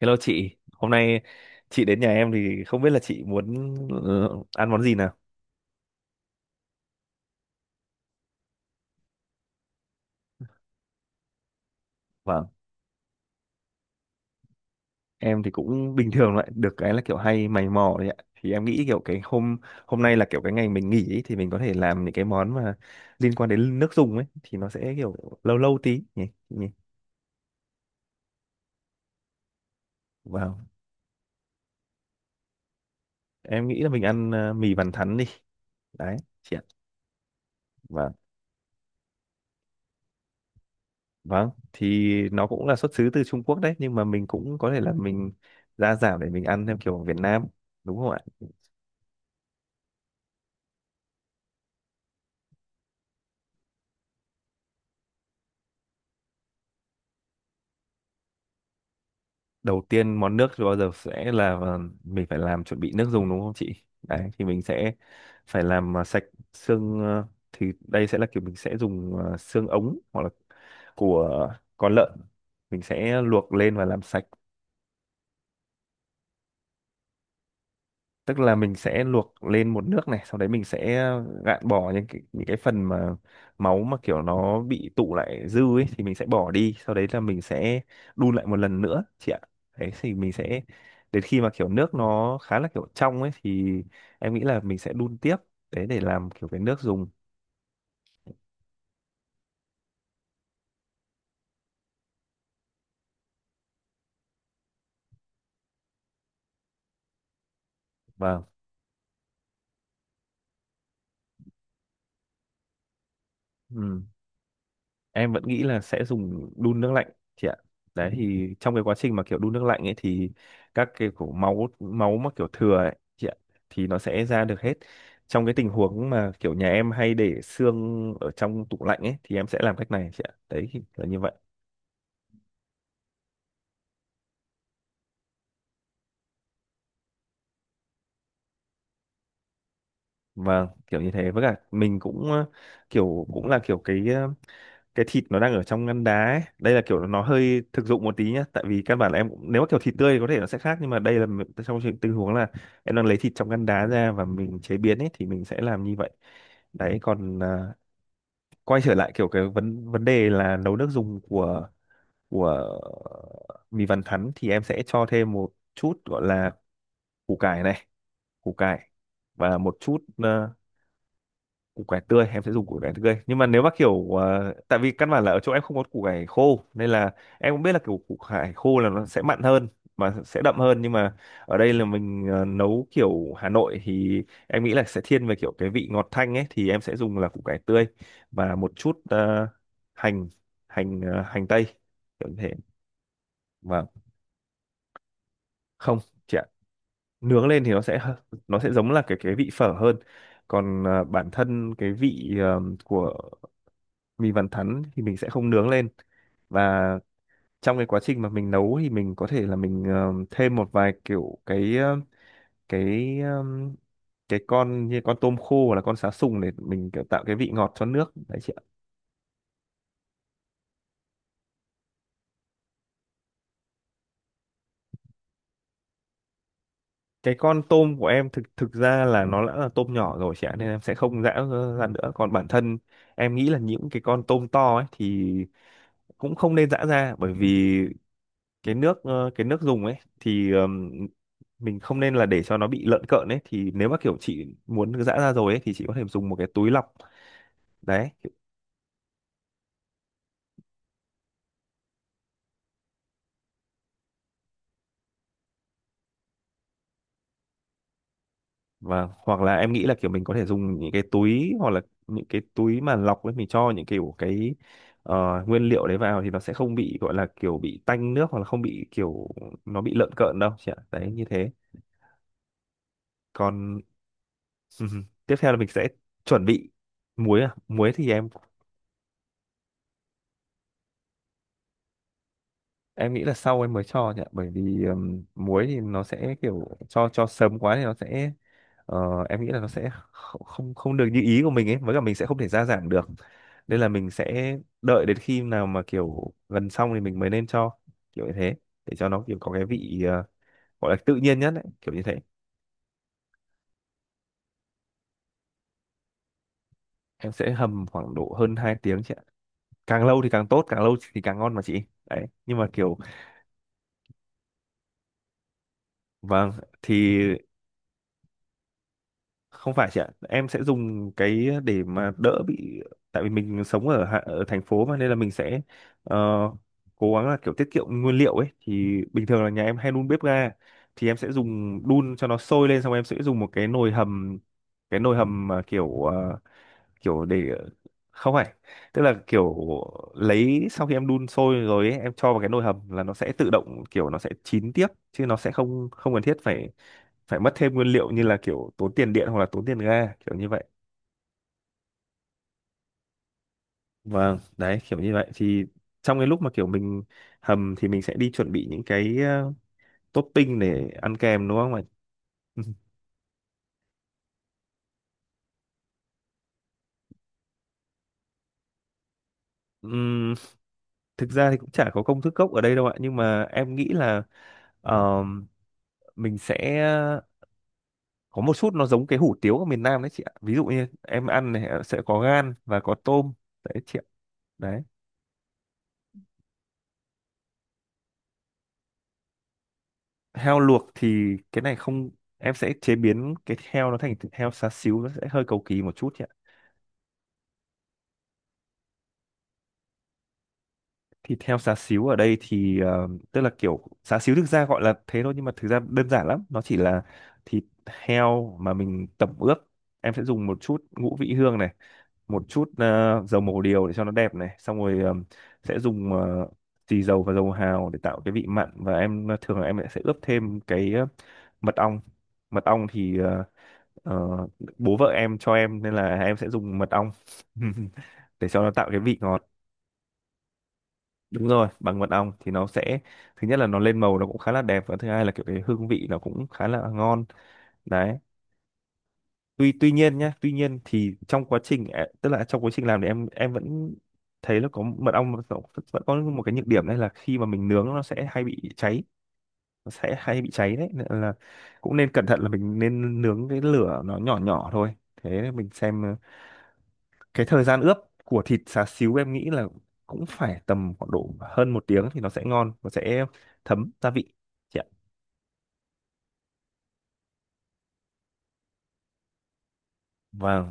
Hello chị, hôm nay chị đến nhà em thì không biết là chị muốn ăn món gì nào? Vâng, em thì cũng bình thường lại được cái là kiểu hay mày mò đấy ạ. Thì em nghĩ kiểu cái hôm hôm nay là kiểu cái ngày mình nghỉ ấy, thì mình có thể làm những cái món mà liên quan đến nước dùng ấy thì nó sẽ kiểu lâu lâu tí nhỉ. nhỉ. Vâng, em nghĩ là mình ăn mì bàn thắn đi. Đấy, chị ạ. Vâng, vâng, thì nó cũng là xuất xứ từ Trung Quốc đấy nhưng mà mình cũng có thể là mình gia giảm để mình ăn theo kiểu Việt Nam đúng không ạ? Đầu tiên món nước thì bao giờ sẽ là mình phải làm chuẩn bị nước dùng đúng không chị, đấy thì mình sẽ phải làm sạch xương thì đây sẽ là kiểu mình sẽ dùng xương ống hoặc là của con lợn, mình sẽ luộc lên và làm sạch. Tức là mình sẽ luộc lên một nước này, sau đấy mình sẽ gạn bỏ những cái phần mà máu mà kiểu nó bị tụ lại dư ấy thì mình sẽ bỏ đi, sau đấy là mình sẽ đun lại một lần nữa chị ạ. Đấy thì mình sẽ đến khi mà kiểu nước nó khá là kiểu trong ấy thì em nghĩ là mình sẽ đun tiếp đấy để làm kiểu cái nước dùng. Vâng. Ừ. Em vẫn nghĩ là sẽ dùng đun nước lạnh chị ạ, đấy thì trong cái quá trình mà kiểu đun nước lạnh ấy thì các cái kiểu máu máu mà kiểu thừa ấy chị ạ thì nó sẽ ra được hết. Trong cái tình huống mà kiểu nhà em hay để xương ở trong tủ lạnh ấy thì em sẽ làm cách này chị ạ, đấy thì là như vậy. Vâng, kiểu như thế, với cả mình cũng kiểu cũng là kiểu cái cái thịt nó đang ở trong ngăn đá ấy. Đây là kiểu nó hơi thực dụng một tí nhá, tại vì căn bản là nếu mà kiểu thịt tươi thì có thể nó sẽ khác, nhưng mà đây là m- trong trường- tình huống là em đang lấy thịt trong ngăn đá ra và mình chế biến ấy thì mình sẽ làm như vậy. Đấy còn à, quay trở lại kiểu cái vấn vấn đề là nấu nước dùng của mì vằn thắn thì em sẽ cho thêm một chút gọi là củ cải này, củ cải và một chút củ cải tươi. Em sẽ dùng củ cải tươi nhưng mà nếu mà kiểu tại vì căn bản là ở chỗ em không có củ cải khô nên là em cũng biết là kiểu củ cải khô là nó sẽ mặn hơn mà sẽ đậm hơn, nhưng mà ở đây là mình nấu kiểu Hà Nội thì em nghĩ là sẽ thiên về kiểu cái vị ngọt thanh ấy thì em sẽ dùng là củ cải tươi. Và một chút hành hành ờ, hành tây, kiểu như thế. Và không chị ạ, nướng lên thì nó sẽ giống là cái vị phở hơn. Còn à, bản thân cái vị à, của mình vẫn thắn thì mình sẽ không nướng lên. Và trong cái quá trình mà mình nấu thì mình có thể là mình thêm một vài kiểu cái ờ, cái con như con tôm khô hoặc là con sá sùng để mình kiểu tạo cái vị ngọt cho nước đấy chị ạ. Cái con tôm của em thực thực ra là nó đã là tôm nhỏ rồi chị ạ nên em sẽ không giã ra nữa. Còn bản thân em nghĩ là những cái con tôm to ấy thì cũng không nên giã ra, bởi vì cái nước dùng ấy thì mình không nên là để cho nó bị lợn cợn ấy. Thì nếu mà kiểu chị muốn giã ra rồi ấy thì chị có thể dùng một cái túi lọc đấy. Và hoặc là em nghĩ là kiểu mình có thể dùng những cái túi, hoặc là những cái túi mà lọc ấy, mình cho những kiểu cái ờ, nguyên liệu đấy vào thì nó sẽ không bị gọi là kiểu bị tanh nước hoặc là không bị kiểu nó bị lợn cợn đâu chị ạ, đấy như thế. Còn tiếp theo là mình sẽ chuẩn bị muối. À, muối thì em nghĩ là sau em mới cho nhỉ, bởi vì muối thì nó sẽ kiểu cho sớm quá thì nó sẽ em nghĩ là nó sẽ kh- không không được như ý của mình ấy, với cả mình sẽ không thể gia giảm được, nên là mình sẽ đợi đến khi nào mà kiểu gần xong thì mình mới nên cho, kiểu như thế, để cho nó kiểu có cái vị gọi là tự nhiên nhất ấy, kiểu như thế. Em sẽ hầm khoảng độ hơn 2 tiếng chị ạ, càng lâu thì càng tốt, càng lâu thì càng ngon mà chị. Đấy nhưng mà kiểu vâng thì không phải chị ạ, em sẽ dùng cái để mà đỡ bị, tại vì mình sống ở thành phố mà nên là mình sẽ ờ, cố gắng là kiểu tiết kiệm nguyên liệu ấy thì bình thường là nhà em hay đun bếp ga, thì em sẽ dùng đun cho nó sôi lên, xong em sẽ dùng một cái nồi hầm, cái nồi hầm mà kiểu kiểu để không phải, tức là kiểu lấy sau khi em đun sôi rồi ấy, em cho vào cái nồi hầm là nó sẽ tự động kiểu nó sẽ chín tiếp chứ nó sẽ không không cần thiết phải phải mất thêm nguyên liệu như là kiểu tốn tiền điện hoặc là tốn tiền ga kiểu như vậy. Vâng, đấy kiểu như vậy thì trong cái lúc mà kiểu mình hầm thì mình sẽ đi chuẩn bị những cái topping để ăn kèm đúng không ạ? Ừm, thực ra thì cũng chả có công thức gốc ở đây đâu ạ, nhưng mà em nghĩ là ờm, mình sẽ có một chút nó giống cái hủ tiếu ở miền Nam đấy chị ạ, ví dụ như em ăn này sẽ có gan và có tôm, đấy chị ạ, đấy. Heo luộc thì cái này không, em sẽ chế biến cái heo nó thành thịt heo xá xíu, nó sẽ hơi cầu kỳ một chút nhỉ. Thịt heo xá xíu ở đây thì tức là kiểu xá xíu thực ra gọi là thế thôi, nhưng mà thực ra đơn giản lắm, nó chỉ là thịt heo mà mình tẩm ướp. Em sẽ dùng một chút ngũ vị hương này, một chút dầu màu điều để cho nó đẹp này, xong rồi sẽ dùng xì dầu và dầu hào để tạo cái vị mặn, và em thường là em sẽ ướp thêm cái mật ong. Mật ong thì Ờ, bố vợ em cho em nên là em sẽ dùng mật ong để cho nó tạo cái vị ngọt. Đúng rồi, bằng mật ong thì nó sẽ, thứ nhất là nó lên màu nó cũng khá là đẹp, và thứ hai là kiểu cái hương vị nó cũng khá là ngon. Đấy, tuy tuy nhiên nhá tuy nhiên thì trong quá trình à, tức là trong quá trình làm thì em vẫn thấy là có mật ong nó vẫn có một cái nhược điểm, đấy là khi mà mình nướng nó sẽ hay bị cháy, nó sẽ hay bị cháy, đấy nên là cũng nên cẩn thận là mình nên nướng cái lửa nó nhỏ nhỏ thôi. Thế mình xem cái thời gian ướp của thịt xá xíu em nghĩ là cũng phải tầm khoảng độ hơn 1 tiếng thì nó sẽ ngon và sẽ thấm gia vị chị ạ. và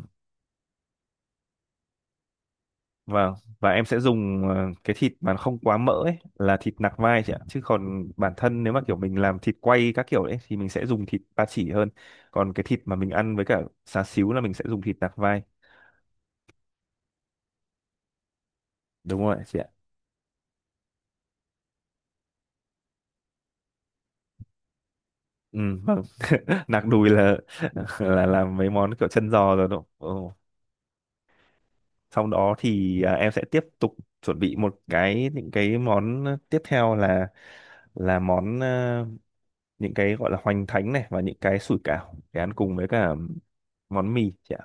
và và em sẽ dùng cái thịt mà nó không quá mỡ ấy là thịt nạc vai chị ạ, chứ còn bản thân nếu mà kiểu mình làm thịt quay các kiểu đấy thì mình sẽ dùng thịt ba chỉ hơn, còn cái thịt mà mình ăn với cả xá xíu là mình sẽ dùng thịt nạc vai. Đúng rồi chị ạ. Ừ, vâng nạc đùi là làm mấy món kiểu chân giò rồi đúng không? Ừ, sau đó thì em sẽ tiếp tục chuẩn bị một cái những cái món tiếp theo là là món à, những cái gọi là hoành thánh này và những cái sủi cảo để ăn cùng với cả món mì chị ạ.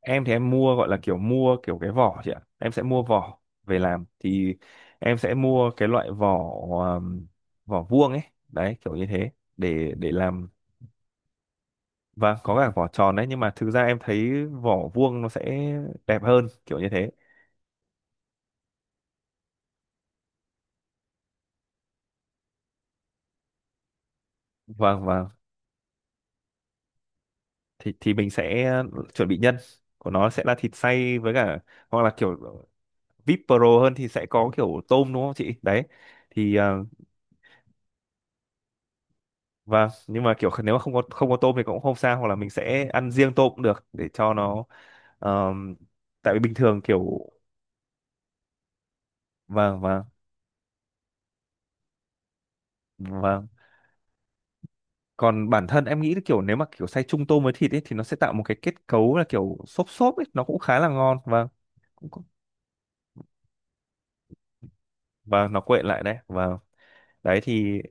Em thì em mua, gọi là kiểu mua kiểu cái vỏ chị ạ, em sẽ mua vỏ về làm thì em sẽ mua cái loại vỏ, um, vỏ vuông ấy, đấy kiểu như thế, để làm. Và có cả vỏ tròn đấy, nhưng mà thực ra em thấy vỏ vuông nó sẽ đẹp hơn, kiểu như thế. Vâng, và thì mình sẽ chuẩn bị nhân của nó sẽ là thịt xay với cả, hoặc là kiểu VIP Pro hơn thì sẽ có kiểu tôm, đúng không chị? Đấy thì vâng, nhưng mà kiểu nếu mà không có tôm thì cũng không sao, hoặc là mình sẽ ăn riêng tôm cũng được, để cho nó ờm, tại vì bình thường kiểu, vâng vâng vâng. Còn bản thân em nghĩ là kiểu nếu mà kiểu xay chung tôm với thịt ấy thì nó sẽ tạo một cái kết cấu là kiểu xốp xốp ấy, nó cũng khá là ngon. Vâng, cũng- vâng, nó quện lại đấy, vâng. Đấy thì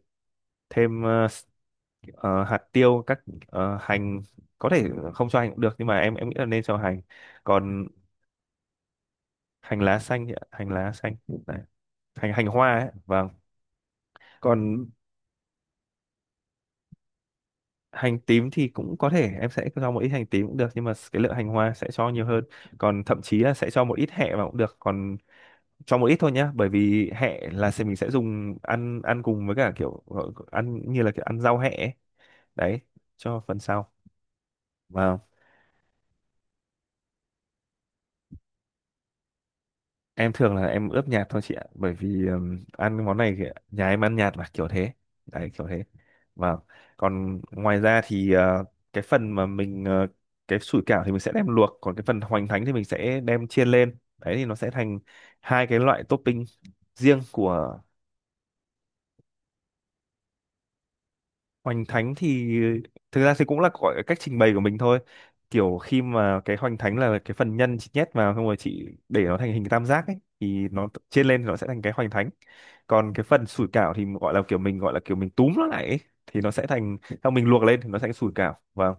thêm hạt tiêu, các hành, có thể không cho hành cũng được, nhưng mà em nghĩ là nên cho hành. Còn hành lá xanh thì- hành lá xanh này, hành hành hoa ấy, vâng. Còn hành tím thì cũng có thể em sẽ cho một ít hành tím cũng được, nhưng mà cái lượng hành hoa sẽ cho nhiều hơn. Còn thậm chí là sẽ cho một ít hẹ vào cũng được, còn cho một ít thôi nhá, bởi vì hẹ là sẽ mình sẽ dùng ăn, ăn cùng với cả kiểu gọi- ăn như là kiểu ăn rau hẹ ấy. Đấy, cho phần sau. Vâng, em thường là em ướp nhạt thôi chị ạ, bởi vì ăn món này thì nhà em ăn nhạt mà, kiểu thế, đấy kiểu thế. Và còn ngoài ra thì cái phần mà mình cái sủi cảo thì mình sẽ đem luộc, còn cái phần hoành thánh thì mình sẽ đem chiên lên, đấy thì nó sẽ thành hai cái loại topping riêng của. Hoành thánh thì thực ra thì cũng là gọi cách trình bày của mình thôi, kiểu khi mà cái hoành thánh là cái phần nhân chị nhét vào xong rồi chị để nó thành hình tam giác ấy thì nó chiên lên thì nó sẽ thành cái hoành thánh. Còn cái phần sủi cảo thì gọi là kiểu mình, gọi là kiểu mình túm nó lại ấy, thì nó sẽ thành, sau mình luộc lên thì nó sẽ thành sủi cảo, vâng.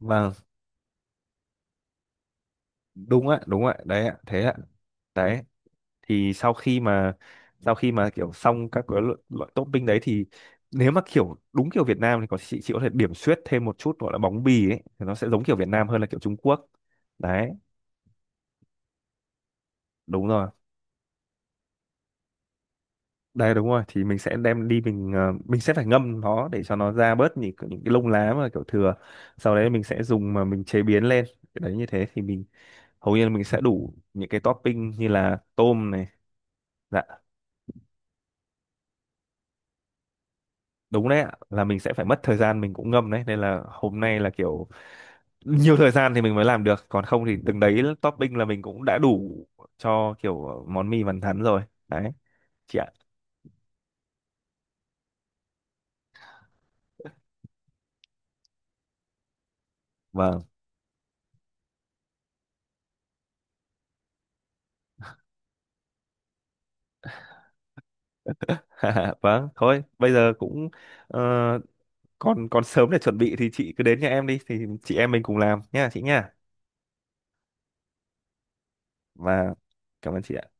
Vâng, đúng ạ, đúng ạ, đấy ạ, thế ạ. Đấy thì sau khi mà, sau khi mà kiểu xong các cái loại topping đấy thì, nếu mà kiểu đúng kiểu Việt Nam thì có, chị có thể điểm xuyết thêm một chút, gọi là bóng bì ấy, thì nó sẽ giống kiểu Việt Nam hơn là kiểu Trung Quốc. Đấy, đúng rồi. Đây đúng rồi, thì mình sẽ đem đi mình mình sẽ phải ngâm nó để cho nó ra bớt những cái lông lá mà kiểu thừa. Sau đấy mình sẽ dùng mà mình chế biến lên. Đấy như thế thì mình hầu như là mình sẽ đủ những cái topping như là tôm này. Dạ, đúng đấy ạ, là mình sẽ phải mất thời gian, mình cũng ngâm đấy, nên là hôm nay là kiểu nhiều thời gian thì mình mới làm được, còn không thì từng đấy topping là mình cũng đã đủ cho kiểu món mì vằn thắn rồi. Đấy, chị ạ. Vâng. Vâng, thôi, bây giờ cũng ờ, còn còn sớm để chuẩn bị, thì chị cứ đến nhà em đi thì chị em mình cùng làm nha chị nha. Và cảm ơn chị ạ.